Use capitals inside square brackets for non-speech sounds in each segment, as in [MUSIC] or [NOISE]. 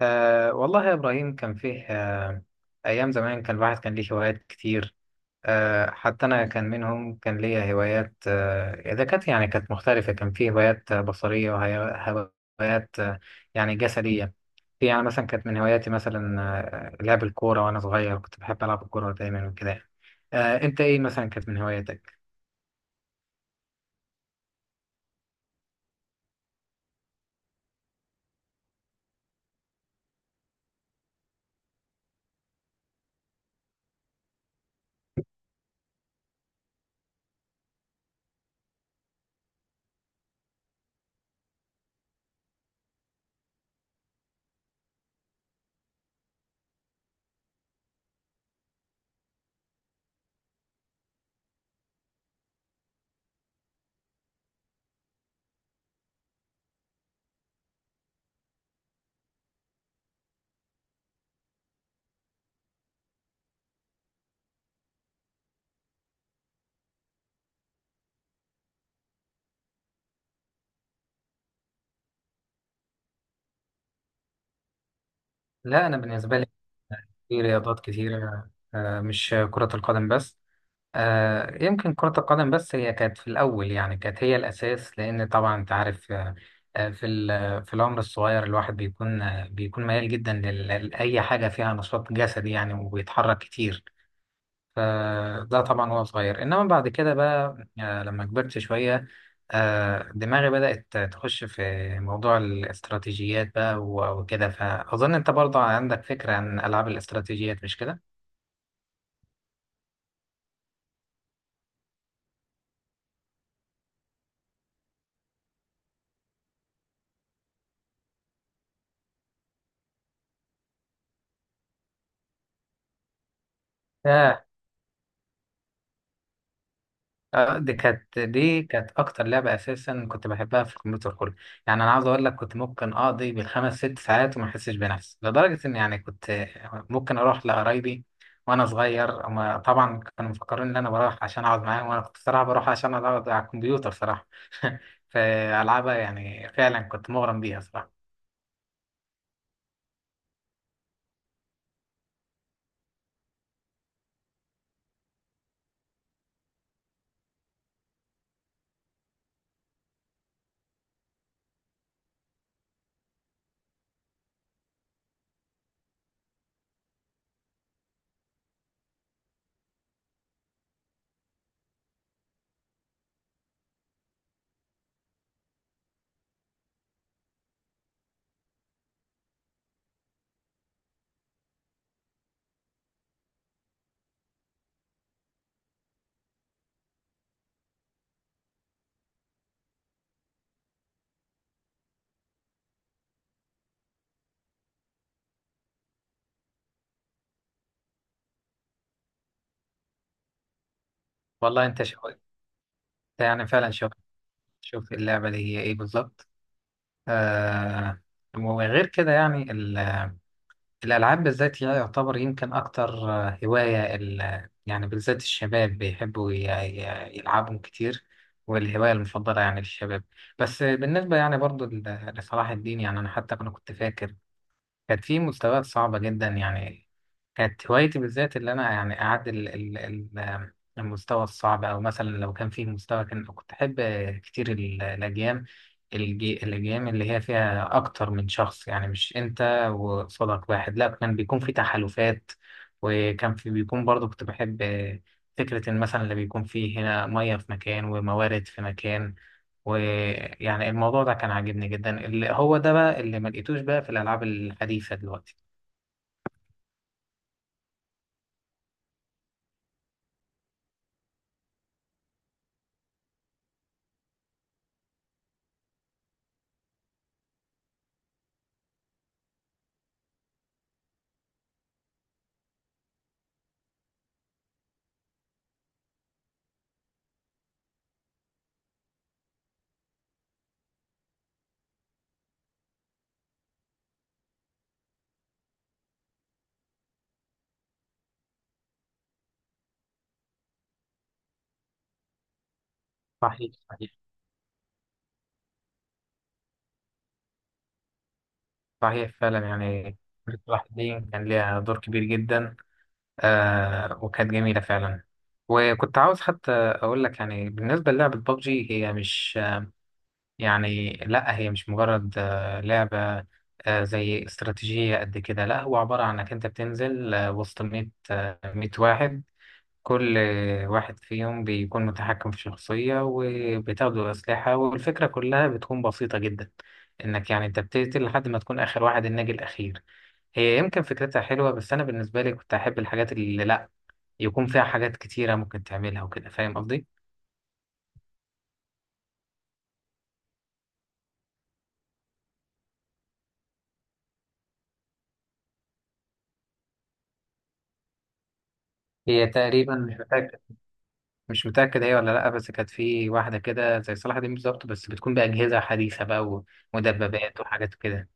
والله يا إبراهيم، كان فيه أيام زمان، كان الواحد كان ليه هوايات كتير. حتى أنا كان منهم، كان ليا هوايات إذا كانت يعني كانت مختلفة. كان فيه هوايات بصرية، وهوايات يعني جسدية. في يعني مثلا كانت من هواياتي مثلا لعب الكورة، وأنا صغير كنت بحب ألعب الكورة دايما وكده. أنت إيه مثلا كانت من هواياتك؟ لا، أنا بالنسبة لي في رياضات كتيرة، مش كرة القدم بس. يمكن كرة القدم بس هي كانت في الأول، يعني كانت هي الأساس، لأن طبعا أنت عارف في في العمر الصغير الواحد بيكون بيكون ميال جدا لأي حاجة فيها نشاط جسدي يعني، وبيتحرك كتير. فده طبعا وهو صغير، إنما بعد كده بقى لما كبرت شوية دماغي بدأت تخش في موضوع الاستراتيجيات بقى وكده. فأظن أنت برضه عندك فكرة عن ألعاب الاستراتيجيات، مش كده؟ دي كانت اكتر لعبه اساسا كنت بحبها في الكمبيوتر كله. يعني انا عاوز اقول لك، كنت ممكن اقضي بالخمس ست ساعات وما احسش بنفسي، لدرجه ان يعني كنت ممكن اروح لقرايبي وانا صغير. هما طبعا كانوا مفكرين ان انا بروح عشان اقعد معاهم، وانا كنت صراحه بروح عشان اقعد على الكمبيوتر صراحه. [LAUGHS] فالعبها يعني فعلا كنت مغرم بيها صراحه. والله انت شو أنت، يعني فعلا شوف، شوف اللعبه دي هي ايه بالظبط. آه، وغير كده يعني الألعاب بالذات هي يعتبر يمكن أكتر هواية، يعني بالذات الشباب بيحبوا يلعبهم كتير، والهواية المفضلة يعني للشباب. بس بالنسبة يعني برضو لصلاح الدين، يعني أنا حتى أنا كنت فاكر كانت في مستويات صعبة جدا يعني. كانت هوايتي بالذات اللي أنا يعني أعدل المستوى الصعب، أو مثلا لو كان فيه مستوى كان كنت أحب كتير الأجيال، الأجيال اللي هي فيها أكتر من شخص، يعني مش أنت وصديق واحد، لا كان بيكون في تحالفات. وكان في بيكون برضه كنت بحب فكرة إن مثلا اللي بيكون فيه هنا مية في مكان وموارد في مكان. ويعني الموضوع ده كان عاجبني جدا، اللي هو ده بقى اللي ما لقيتوش بقى في الألعاب الحديثة دلوقتي. صحيح، صحيح. صحيح فعلا يعني، كرة الواحد دي كان ليها دور كبير جدا. آه، وكانت جميلة فعلا. وكنت عاوز حتى أقول لك يعني بالنسبة للعبة ببجي، هي مش، يعني لا هي مش مجرد آه لعبة زي استراتيجية قد كده. لا، هو عبارة عن إنك أنت بتنزل آه وسط 100 واحد، كل واحد فيهم بيكون متحكم في شخصية وبتاخدوا أسلحة، والفكرة كلها بتكون بسيطة جدا، إنك يعني أنت بتقتل لحد ما تكون آخر واحد، الناجي الأخير. هي يمكن فكرتها حلوة، بس أنا بالنسبة لي كنت أحب الحاجات اللي لأ يكون فيها حاجات كتيرة ممكن تعملها وكده، فاهم قصدي؟ هي تقريبا مش متأكد هي ولا لأ، بس كانت في واحدة كده زي صلاح دين بالظبط، بس بتكون بأجهزة حديثة بقى، ومدببات وحاجات كده.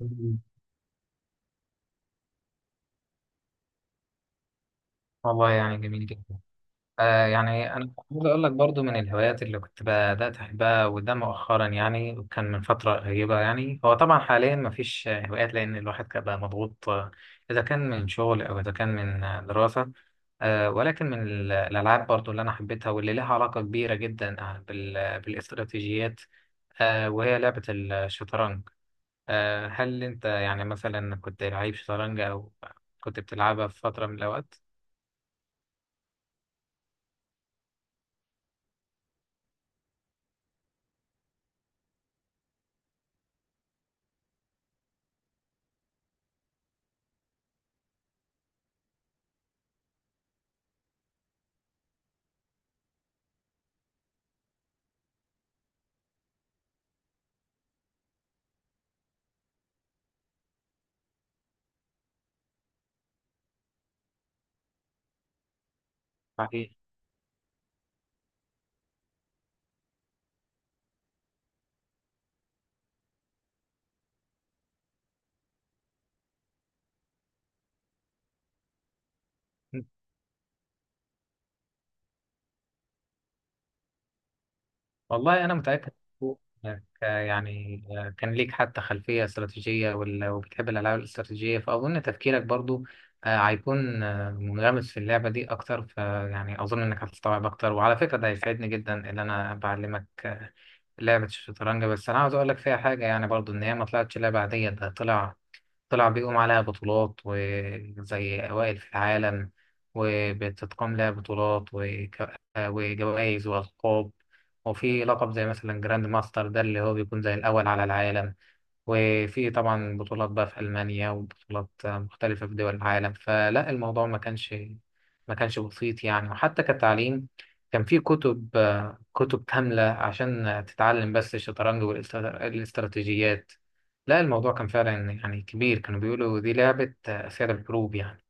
مم. والله يعني جميل جدا. يعني أنا عاوز أقول لك برضو، من الهوايات اللي كنت بدأت أحبها وده مؤخرا يعني، وكان من فترة قريبة يعني. هو طبعا حاليا مفيش هوايات، لأن الواحد كان بقى مضغوط، إذا كان من شغل أو إذا كان من دراسة. ولكن من الألعاب برضو اللي أنا حبيتها، واللي لها علاقة كبيرة جدا بالاستراتيجيات، وهي لعبة الشطرنج. هل أنت يعني مثلا كنت لعيب شطرنج، أو كنت بتلعبها في فترة من الأوقات؟ صحيح. والله أنا متأكد إنك يعني كان ليك حتى خلفية استراتيجية، وبتحب الألعاب الاستراتيجية، فأظن تفكيرك برضو هيكون منغمس في اللعبة دي أكتر. فيعني أظن إنك هتستوعب أكتر، وعلى فكرة ده هيساعدني جدا إن أنا بعلمك لعبة الشطرنج. بس أنا عاوز أقول لك فيها حاجة يعني برضو، إن هي ما طلعتش لعبة عادية، ده طلع بيقوم عليها بطولات وزي أوائل في العالم، وبتتقام لها بطولات وجوائز وألقاب. وفي لقب زي مثلا جراند ماستر، ده اللي هو بيكون زي الأول على العالم. وفي طبعا بطولات بقى في ألمانيا، وبطولات مختلفة في دول العالم. فلا، الموضوع ما كانش بسيط يعني. وحتى كتعليم كان في كتب كاملة عشان تتعلم بس الشطرنج والاستراتيجيات. لا، الموضوع كان فعلا يعني كبير، كانوا بيقولوا دي لعبة أسئلة الحروب يعني.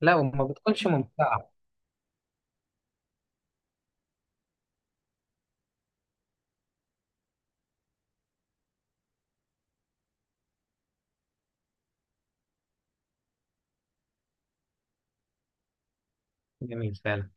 لا، وما بتكونش ممتعة. جميل فعلا.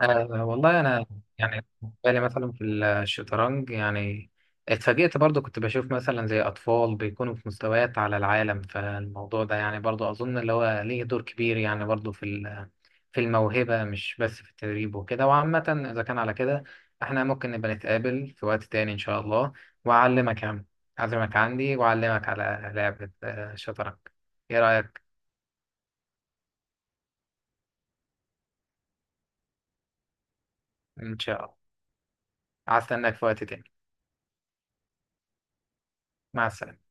أه، والله أنا يعني بالي مثلا في الشطرنج، يعني اتفاجئت برضو، كنت بشوف مثلا زي أطفال بيكونوا في مستويات على العالم، فالموضوع ده يعني برضو أظن اللي هو ليه دور كبير يعني برضو في في الموهبة، مش بس في التدريب وكده. وعامة إذا كان على كده، إحنا ممكن نبقى نتقابل في وقت تاني إن شاء الله، وأعلمك يعني، أعزمك عندي وأعلمك على لعبة شطرنج. إيه رأيك؟ إن شاء الله، هستناك في وقت تاني. مع السلامة.